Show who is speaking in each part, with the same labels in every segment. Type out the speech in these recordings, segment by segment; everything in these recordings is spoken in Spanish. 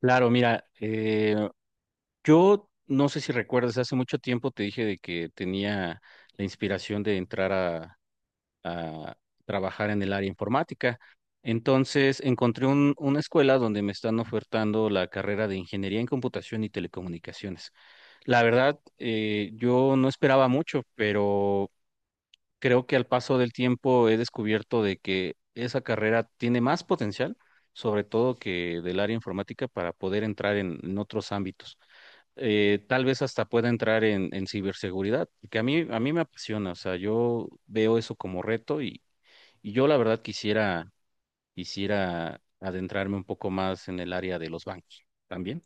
Speaker 1: Claro, mira, yo no sé si recuerdas, hace mucho tiempo te dije de que tenía la inspiración de entrar a trabajar en el área informática. Entonces encontré una escuela donde me están ofertando la carrera de Ingeniería en Computación y Telecomunicaciones. La verdad, yo no esperaba mucho, pero creo que al paso del tiempo he descubierto de que esa carrera tiene más potencial, sobre todo que del área informática, para poder entrar en otros ámbitos. Tal vez hasta pueda entrar en ciberseguridad, que a mí me apasiona, o sea, yo veo eso como reto y yo la verdad quisiera adentrarme un poco más en el área de los bancos también.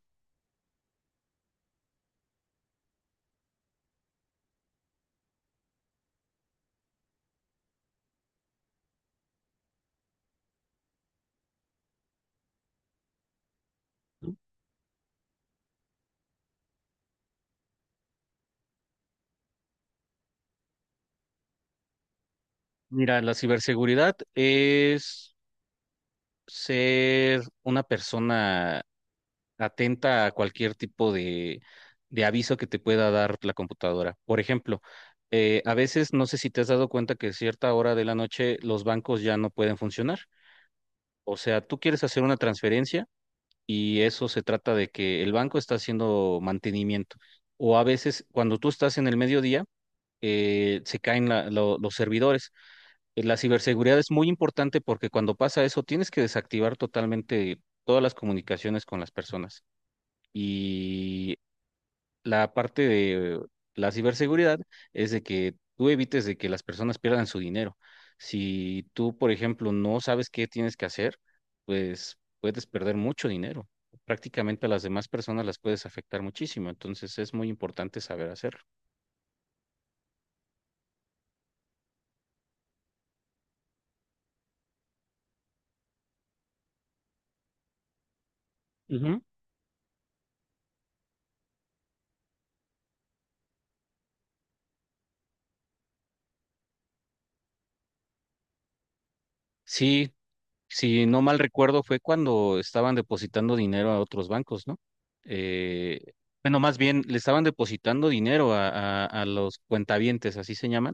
Speaker 1: Mira, la ciberseguridad es ser una persona atenta a cualquier tipo de aviso que te pueda dar la computadora. Por ejemplo, a veces no sé si te has dado cuenta que a cierta hora de la noche los bancos ya no pueden funcionar. O sea, tú quieres hacer una transferencia y eso se trata de que el banco está haciendo mantenimiento. O a veces cuando tú estás en el mediodía, se caen los servidores. La ciberseguridad es muy importante porque cuando pasa eso tienes que desactivar totalmente todas las comunicaciones con las personas. Y la parte de la ciberseguridad es de que tú evites de que las personas pierdan su dinero. Si tú, por ejemplo, no sabes qué tienes que hacer, pues puedes perder mucho dinero. Prácticamente a las demás personas las puedes afectar muchísimo. Entonces es muy importante saber hacerlo. Ujú. Sí, si no mal recuerdo, fue cuando estaban depositando dinero a otros bancos, ¿no? Eh, bueno, más bien le estaban depositando dinero a los cuentavientes, así se llaman,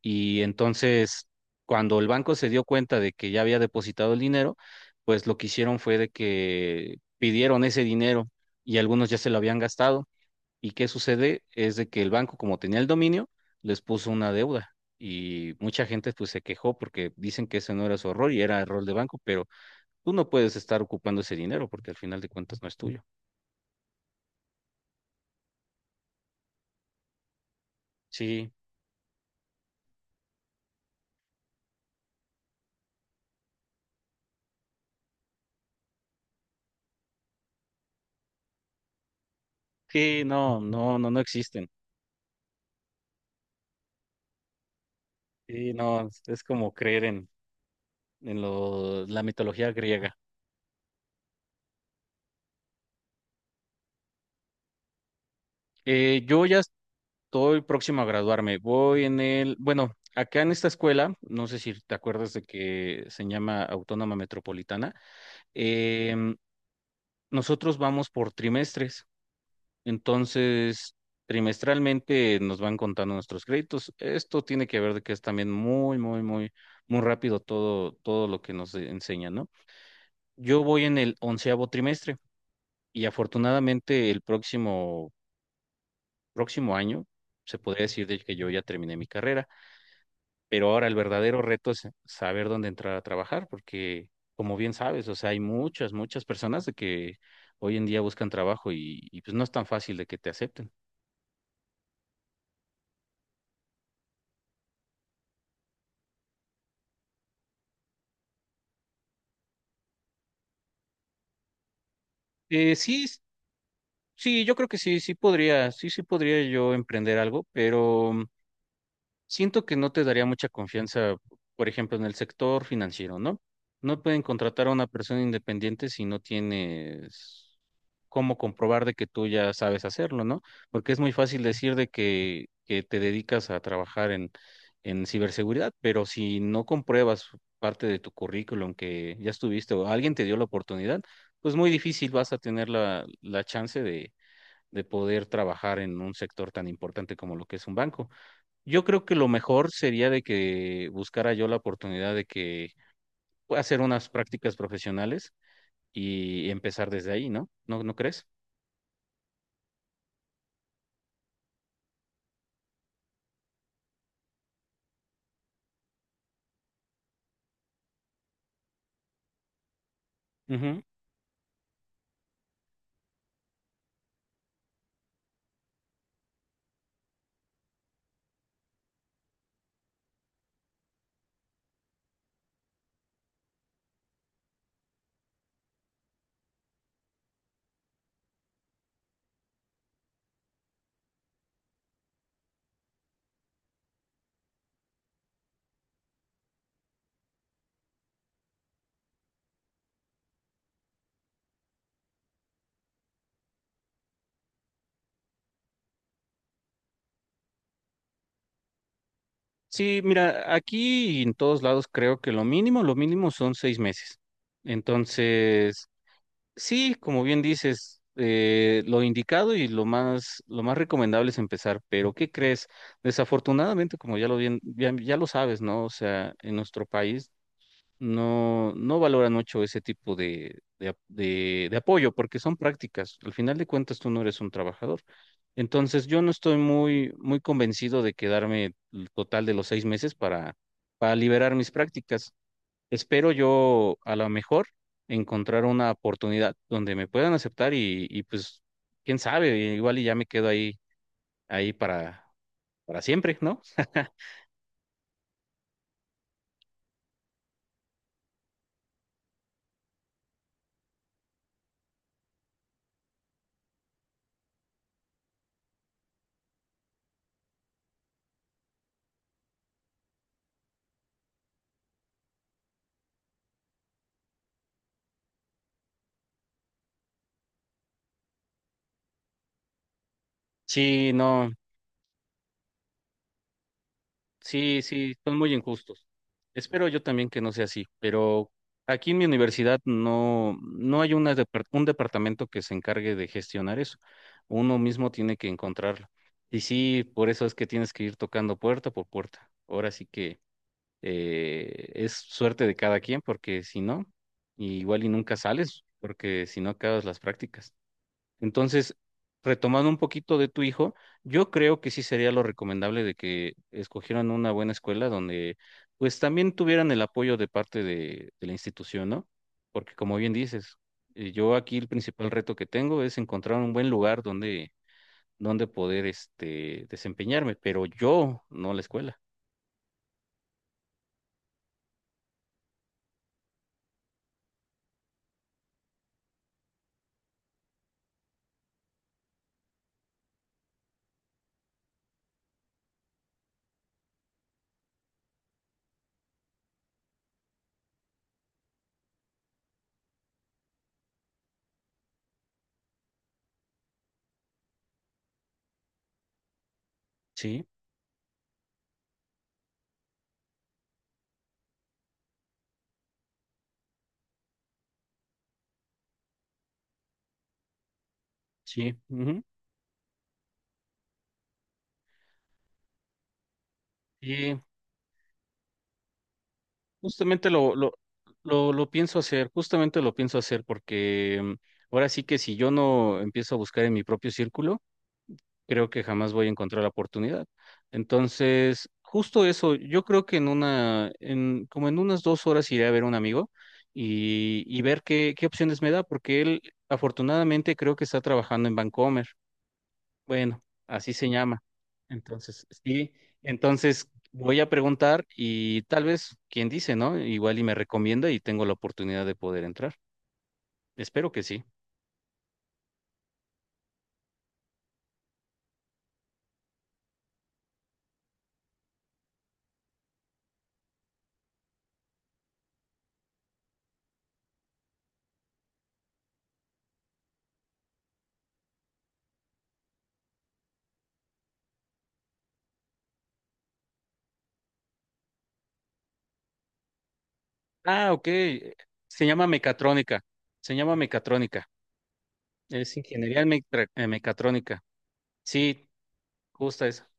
Speaker 1: y entonces cuando el banco se dio cuenta de que ya había depositado el dinero, pues lo que hicieron fue de que pidieron ese dinero y algunos ya se lo habían gastado. ¿Y qué sucede? Es de que el banco, como tenía el dominio, les puso una deuda. Y mucha gente pues se quejó porque dicen que ese no era su error y era error de banco, pero tú no puedes estar ocupando ese dinero porque al final de cuentas no es tuyo. Sí, sí, no, no, no, no existen. Sí, no, es como creer en la mitología griega. Yo ya estoy próximo a graduarme. Voy en el, bueno, acá en esta escuela, no sé si te acuerdas de que se llama Autónoma Metropolitana. Nosotros vamos por trimestres, entonces trimestralmente nos van contando nuestros créditos. Esto tiene que ver de que es también muy rápido todo, todo lo que nos enseñan, ¿no? Yo voy en el 11.º trimestre y afortunadamente el próximo año se podría decir de que yo ya terminé mi carrera. Pero ahora el verdadero reto es saber dónde entrar a trabajar, porque como bien sabes, o sea, hay muchas personas de que hoy en día buscan trabajo y, pues no es tan fácil de que te acepten. Eh, sí, s- sí, yo creo que sí, sí podría yo emprender algo, pero siento que no te daría mucha confianza, por ejemplo, en el sector financiero, ¿no? No pueden contratar a una persona independiente si no tienes cómo comprobar de que tú ya sabes hacerlo, ¿no? Porque es muy fácil decir de que te dedicas a trabajar en ciberseguridad, pero si no compruebas parte de tu currículum que ya estuviste o alguien te dio la oportunidad, pues muy difícil vas a tener la chance de poder trabajar en un sector tan importante como lo que es un banco. Yo creo que lo mejor sería de que buscara yo la oportunidad de que pueda hacer unas prácticas profesionales y empezar desde ahí, ¿no? ¿No, no crees? Ujú. Sí, mira, aquí y en todos lados creo que lo mínimo son 6 meses. Entonces, sí, como bien dices, lo indicado y lo más recomendable es empezar, pero ¿qué crees? Desafortunadamente, como ya lo bien, ya lo sabes, ¿no? O sea, en nuestro país no, no valoran mucho ese tipo de apoyo porque son prácticas. Al final de cuentas, tú no eres un trabajador. Entonces, yo no estoy muy convencido de quedarme el total de los 6 meses para liberar mis prácticas. Espero yo a lo mejor encontrar una oportunidad donde me puedan aceptar y pues, quién sabe, igual y ya me quedo ahí, ahí para siempre, ¿no? Sí, no. Sí, sí, son muy injustos. Espero yo también que no sea así, pero aquí en mi universidad no, no hay una un departamento que se encargue de gestionar eso. Uno mismo tiene que encontrarlo. Y sí, por eso es que tienes que ir tocando puerta por puerta. Ahora sí que es suerte de cada quien, porque si no, igual y nunca sales, porque si no acabas las prácticas. Entonces, retomando un poquito de tu hijo, yo creo que sí sería lo recomendable de que escogieran una buena escuela donde pues también tuvieran el apoyo de parte de la institución, ¿no? Porque como bien dices, yo aquí el principal reto que tengo es encontrar un buen lugar donde poder este, desempeñarme, pero yo, no la escuela. Sí, sí. Ujú. Sí, justamente lo pienso hacer, justamente lo pienso hacer porque ahora sí que si yo no empiezo a buscar en mi propio círculo, creo que jamás voy a encontrar la oportunidad. Entonces, justo eso, yo creo que en como en unas 2 horas iré a ver a un amigo y ver qué, qué opciones me da, porque él afortunadamente creo que está trabajando en Bancomer. Bueno, así se llama. Entonces, sí, entonces voy a preguntar y tal vez, quién dice, ¿no? Igual y me recomienda y tengo la oportunidad de poder entrar. Espero que sí. Ah, ok. Se llama mecatrónica. Se llama mecatrónica. Es ingeniería en mecatrónica. Sí, justa esa.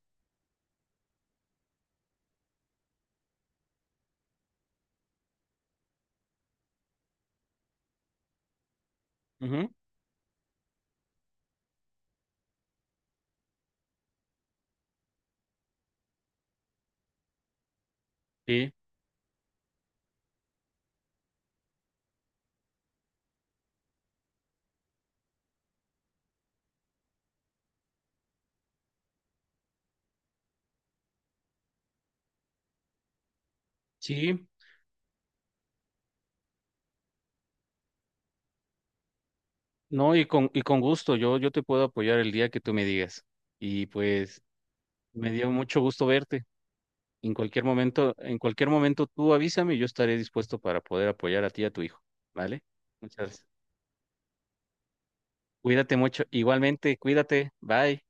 Speaker 1: Ujú, sí, sí. No, y con gusto, yo te puedo apoyar el día que tú me digas. Y pues me dio mucho gusto verte. En cualquier momento tú avísame y yo estaré dispuesto para poder apoyar a ti y a tu hijo, ¿vale? Muchas gracias. Cuídate mucho. Igualmente, cuídate. Bye.